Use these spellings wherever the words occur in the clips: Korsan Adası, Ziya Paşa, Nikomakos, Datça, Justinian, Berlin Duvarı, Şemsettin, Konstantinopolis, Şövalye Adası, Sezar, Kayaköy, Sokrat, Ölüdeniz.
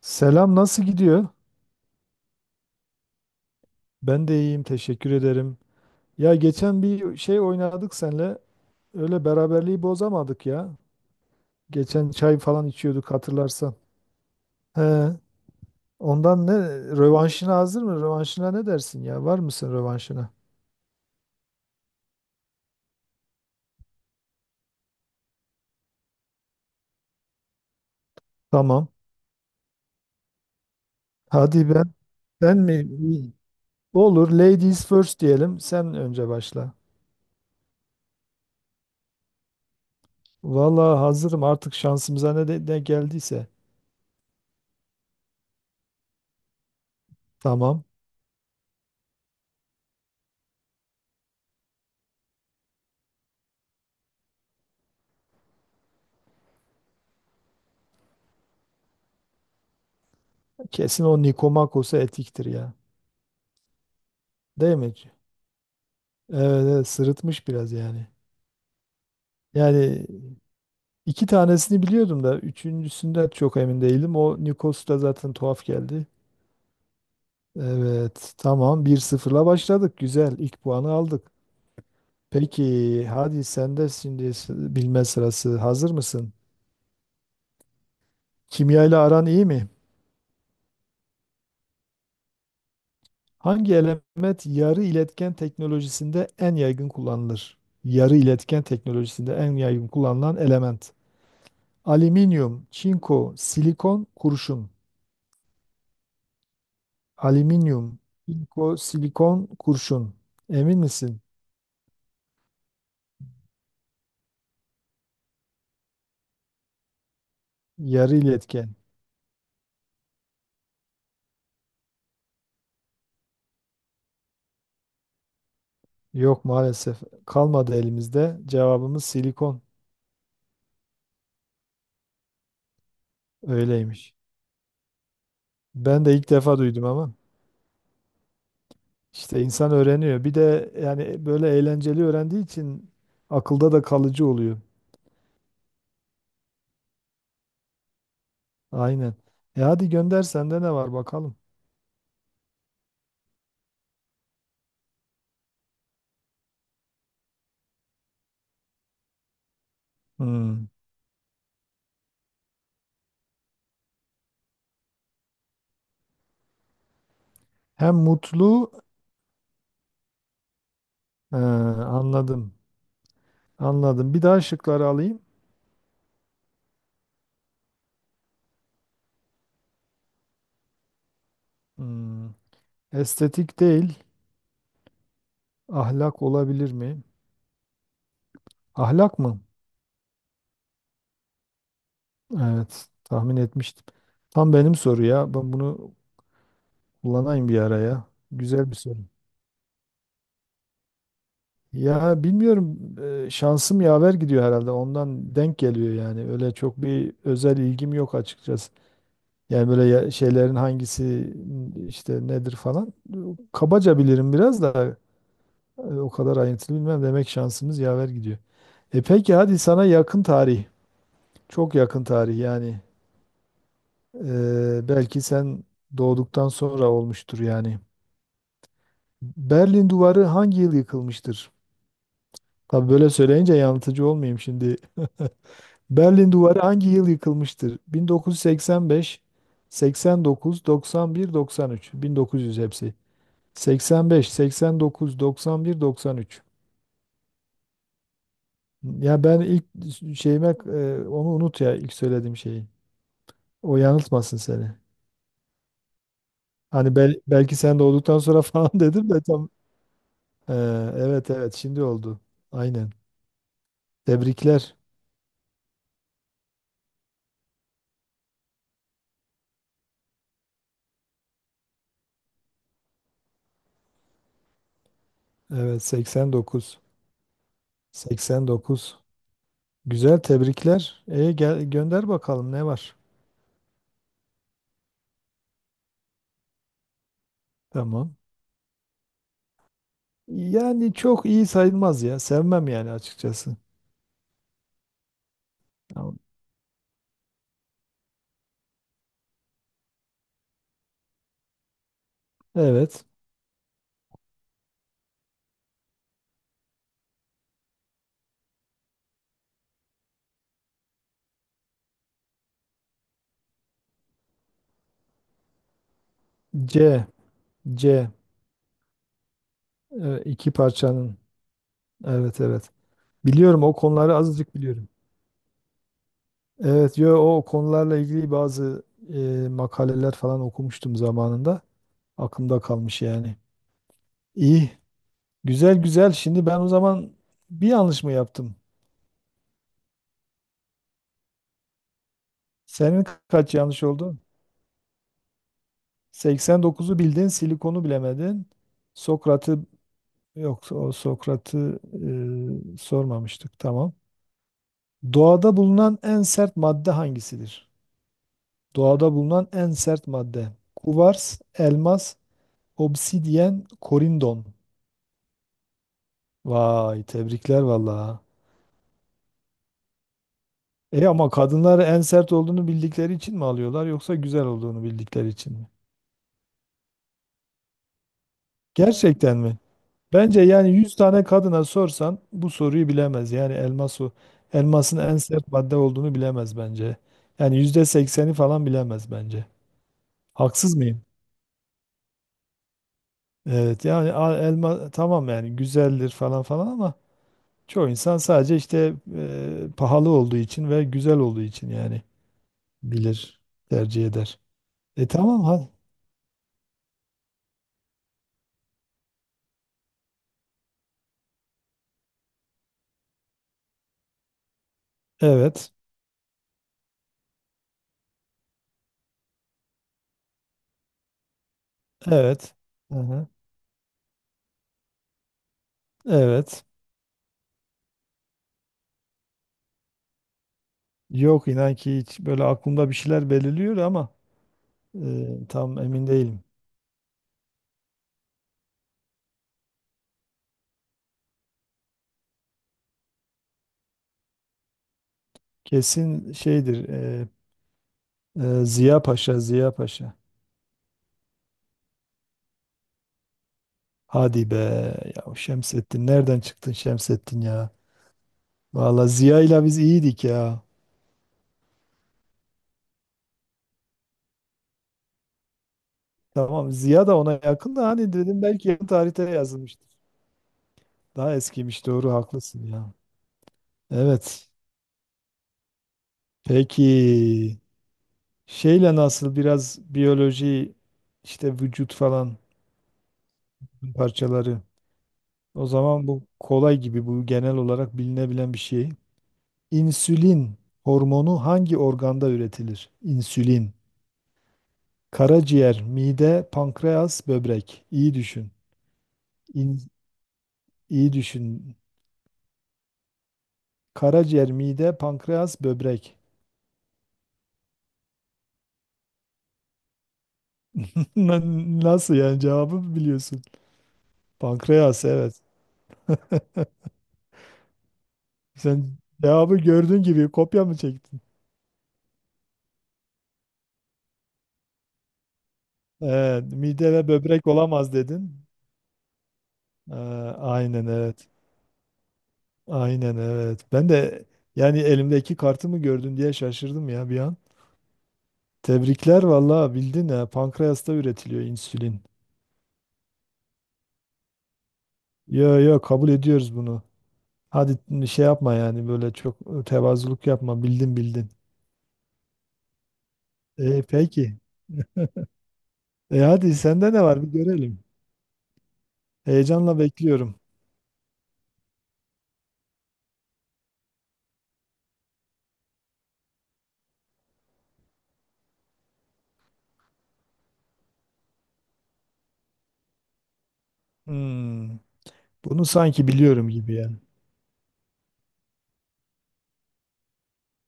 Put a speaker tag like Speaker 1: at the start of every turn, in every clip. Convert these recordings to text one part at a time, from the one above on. Speaker 1: Selam, nasıl gidiyor? Ben de iyiyim, teşekkür ederim. Ya geçen bir şey oynadık senle. Öyle beraberliği bozamadık ya. Geçen çay falan içiyorduk hatırlarsan. He, ondan ne? Rövanşına hazır mı? Rövanşına ne dersin ya? Var mısın rövanşına? Tamam. Hadi ben. Ben mi? İyi. Olur. Ladies first diyelim. Sen önce başla. Vallahi hazırım artık, şansımıza ne, de, ne geldiyse. Tamam. Kesin o Nikomakos'a etiktir ya. Değil mi? Evet, evet, sırıtmış biraz yani. Yani iki tanesini biliyordum da üçüncüsünden çok emin değilim. O Nikos da zaten tuhaf geldi. Evet tamam, 1-0'la başladık. Güzel, ilk puanı aldık. Peki, hadi sen de şimdi bilme sırası, hazır mısın? Kimya ile aran iyi mi? Hangi element yarı iletken teknolojisinde en yaygın kullanılır? Yarı iletken teknolojisinde en yaygın kullanılan element. Alüminyum, çinko, silikon, kurşun. Alüminyum, silikon, kurşun. Emin misin? Yarı iletken. Yok maalesef. Kalmadı elimizde. Cevabımız silikon. Öyleymiş. Ben de ilk defa duydum ama. İşte insan öğreniyor. Bir de yani böyle eğlenceli öğrendiği için akılda da kalıcı oluyor. Aynen. E hadi gönder, sende ne var bakalım. Hmm. Hem mutlu, he, anladım. Anladım. Bir daha şıkları alayım. Hmm. Estetik değil, ahlak olabilir mi? Ahlak mı? Evet, tahmin etmiştim. Tam benim soru ya. Ben bunu kullanayım bir araya. Güzel bir soru. Ya bilmiyorum, şansım yaver gidiyor herhalde. Ondan denk geliyor yani. Öyle çok bir özel ilgim yok açıkçası. Yani böyle şeylerin hangisi işte nedir falan. Kabaca bilirim biraz da, o kadar ayrıntılı bilmem. Demek şansımız yaver gidiyor. E peki, hadi sana yakın tarih. Çok yakın tarih yani. Belki sen doğduktan sonra olmuştur yani. Berlin Duvarı hangi yıl yıkılmıştır? Tabii böyle söyleyince yanıltıcı olmayayım şimdi. Berlin Duvarı hangi yıl yıkılmıştır? 1985, 89, 91, 93. 1900 hepsi. 85, 89, 91, 93. Ya ben ilk şeyime, onu unut ya, ilk söylediğim şeyi. O yanıltmasın seni. Hani belki sen doğduktan sonra falan dedim de tam. Ee, evet, evet, şimdi oldu. Aynen. Tebrikler. Evet, 89. 89. Güzel, tebrikler. E, gel gönder bakalım ne var? Tamam. Yani çok iyi sayılmaz ya. Sevmem yani açıkçası. Tamam. Evet. C. C. İki parçanın. Evet, evet. Biliyorum, o konuları azıcık biliyorum. Evet, yo, o konularla ilgili bazı, makaleler falan okumuştum zamanında. Aklımda kalmış yani. İyi. Güzel, güzel. Şimdi ben o zaman bir yanlış mı yaptım? Senin kaç yanlış oldu? 89'u bildin, silikonu bilemedin. Sokrat'ı, yok, o Sokrat'ı sormamıştık. Tamam. Doğada bulunan en sert madde hangisidir? Doğada bulunan en sert madde. Kuvars, elmas, obsidyen, korindon. Vay, tebrikler vallahi. E ama kadınlar en sert olduğunu bildikleri için mi alıyorlar, yoksa güzel olduğunu bildikleri için mi? Gerçekten mi? Bence yani 100 tane kadına sorsan bu soruyu bilemez. Yani elmas o. Elmasın en sert madde olduğunu bilemez bence. Yani %80'i falan bilemez bence. Haksız mıyım? Evet yani elma tamam yani, güzeldir falan falan ama çoğu insan sadece işte, pahalı olduğu için ve güzel olduğu için yani bilir, tercih eder. E tamam ha. Evet. Evet. Aha, evet. Yok, inan ki hiç, böyle aklımda bir şeyler belirliyor ama, tam emin değilim. Kesin şeydir. Ziya Paşa, Ziya Paşa. Hadi be ya, o Şemsettin nereden çıktın Şemsettin ya? Valla Ziya ile biz iyiydik ya. Tamam, Ziya da ona yakın da, hani dedim belki yakın tarihte yazılmıştır. Daha eskiymiş, doğru, haklısın ya. Evet. Peki şeyle nasıl, biraz biyoloji işte, vücut falan parçaları. O zaman bu kolay gibi, bu genel olarak bilinebilen bir şey. İnsülin hormonu hangi organda üretilir? İnsülin. Karaciğer, mide, pankreas, böbrek. İyi düşün. İn, iyi düşün. Karaciğer, mide, pankreas, böbrek. Na- Nasıl yani, cevabı biliyorsun. Pankreas, evet. Sen cevabı gördüğün gibi kopya mı çektin? Mide ve böbrek olamaz dedin. Ee, aynen, evet. Aynen, evet. Ben de yani elimdeki kartı mı gördün diye şaşırdım ya bir an. Tebrikler vallahi, bildin ha. Pankreasta üretiliyor insülin. Yo, yo, kabul ediyoruz bunu. Hadi şey yapma yani, böyle çok tevazuluk yapma. Bildin, bildin. E, peki. E hadi sende ne var, bir görelim. Heyecanla bekliyorum. Hmm, Bunu sanki biliyorum gibi yani.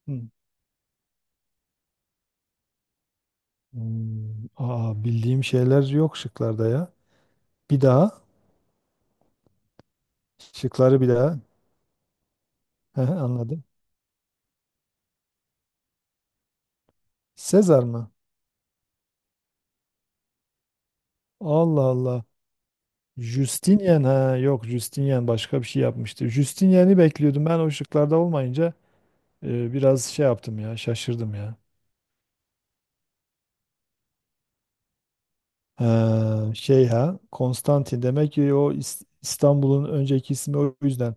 Speaker 1: Hmm. Hmm, aa, bildiğim şeyler yok şıklarda ya. Bir daha. Şıkları bir daha. Hı hı, anladım. Sezar mı? Allah Allah. Justinian, ha yok, Justinian başka bir şey yapmıştı. Justinian'i bekliyordum, ben o şıklarda olmayınca biraz şey yaptım ya, şaşırdım ya. Ha, şey, ha Konstantin, demek ki o İstanbul'un önceki ismi, o yüzden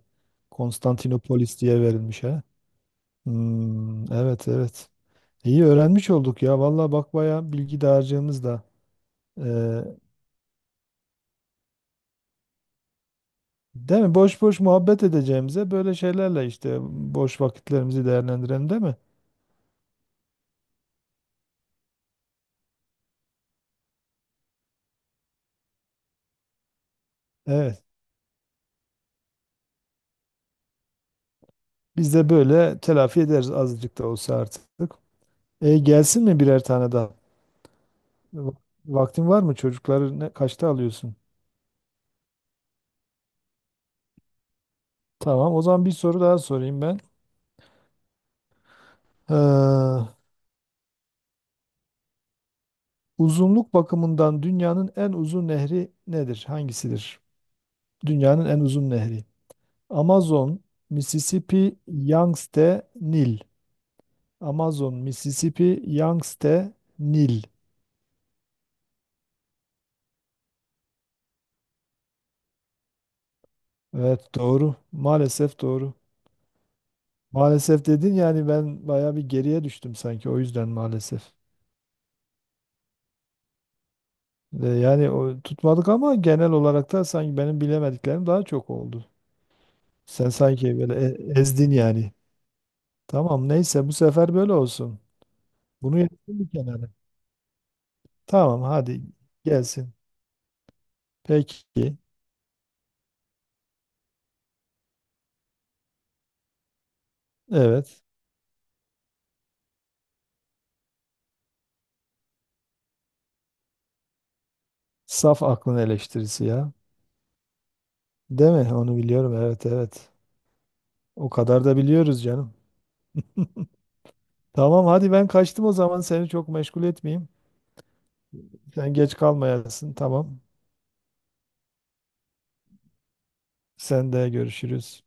Speaker 1: Konstantinopolis diye verilmiş ha. Hmm, evet, evet. İyi öğrenmiş olduk ya. Vallahi bak, bayağı bilgi dağarcığımız da. e, değil mi? Boş boş muhabbet edeceğimize, böyle şeylerle işte boş vakitlerimizi değerlendirelim, değil mi? Evet. Biz de böyle telafi ederiz azıcık da olsa artık. E, gelsin mi birer tane daha? Va- Vaktin var mı? Çocukları ne, kaçta alıyorsun? Tamam, o zaman bir soru daha sorayım ben. Ee, uzunluk bakımından dünyanın en uzun nehri nedir? Hangisidir? Dünyanın en uzun nehri. Amazon, Mississippi, Yangtze, Nil. Amazon, Mississippi, Yangtze, Nil. Evet, doğru. Maalesef doğru. Maalesef dedin yani, ben bayağı bir geriye düştüm sanki, o yüzden maalesef. E, yani o, tutmadık ama genel olarak da sanki benim bilemediklerim daha çok oldu. Sen sanki böyle ezdin yani. Tamam neyse, bu sefer böyle olsun. Bunu yaptın bir kenara. Tamam hadi, gelsin. Peki. Evet. Saf aklın eleştirisi ya. Değil mi? Onu biliyorum. Evet, evet. O kadar da biliyoruz canım. Tamam hadi ben kaçtım, o zaman seni çok meşgul etmeyeyim. Sen geç kalmayasın. Tamam. Sen de, görüşürüz.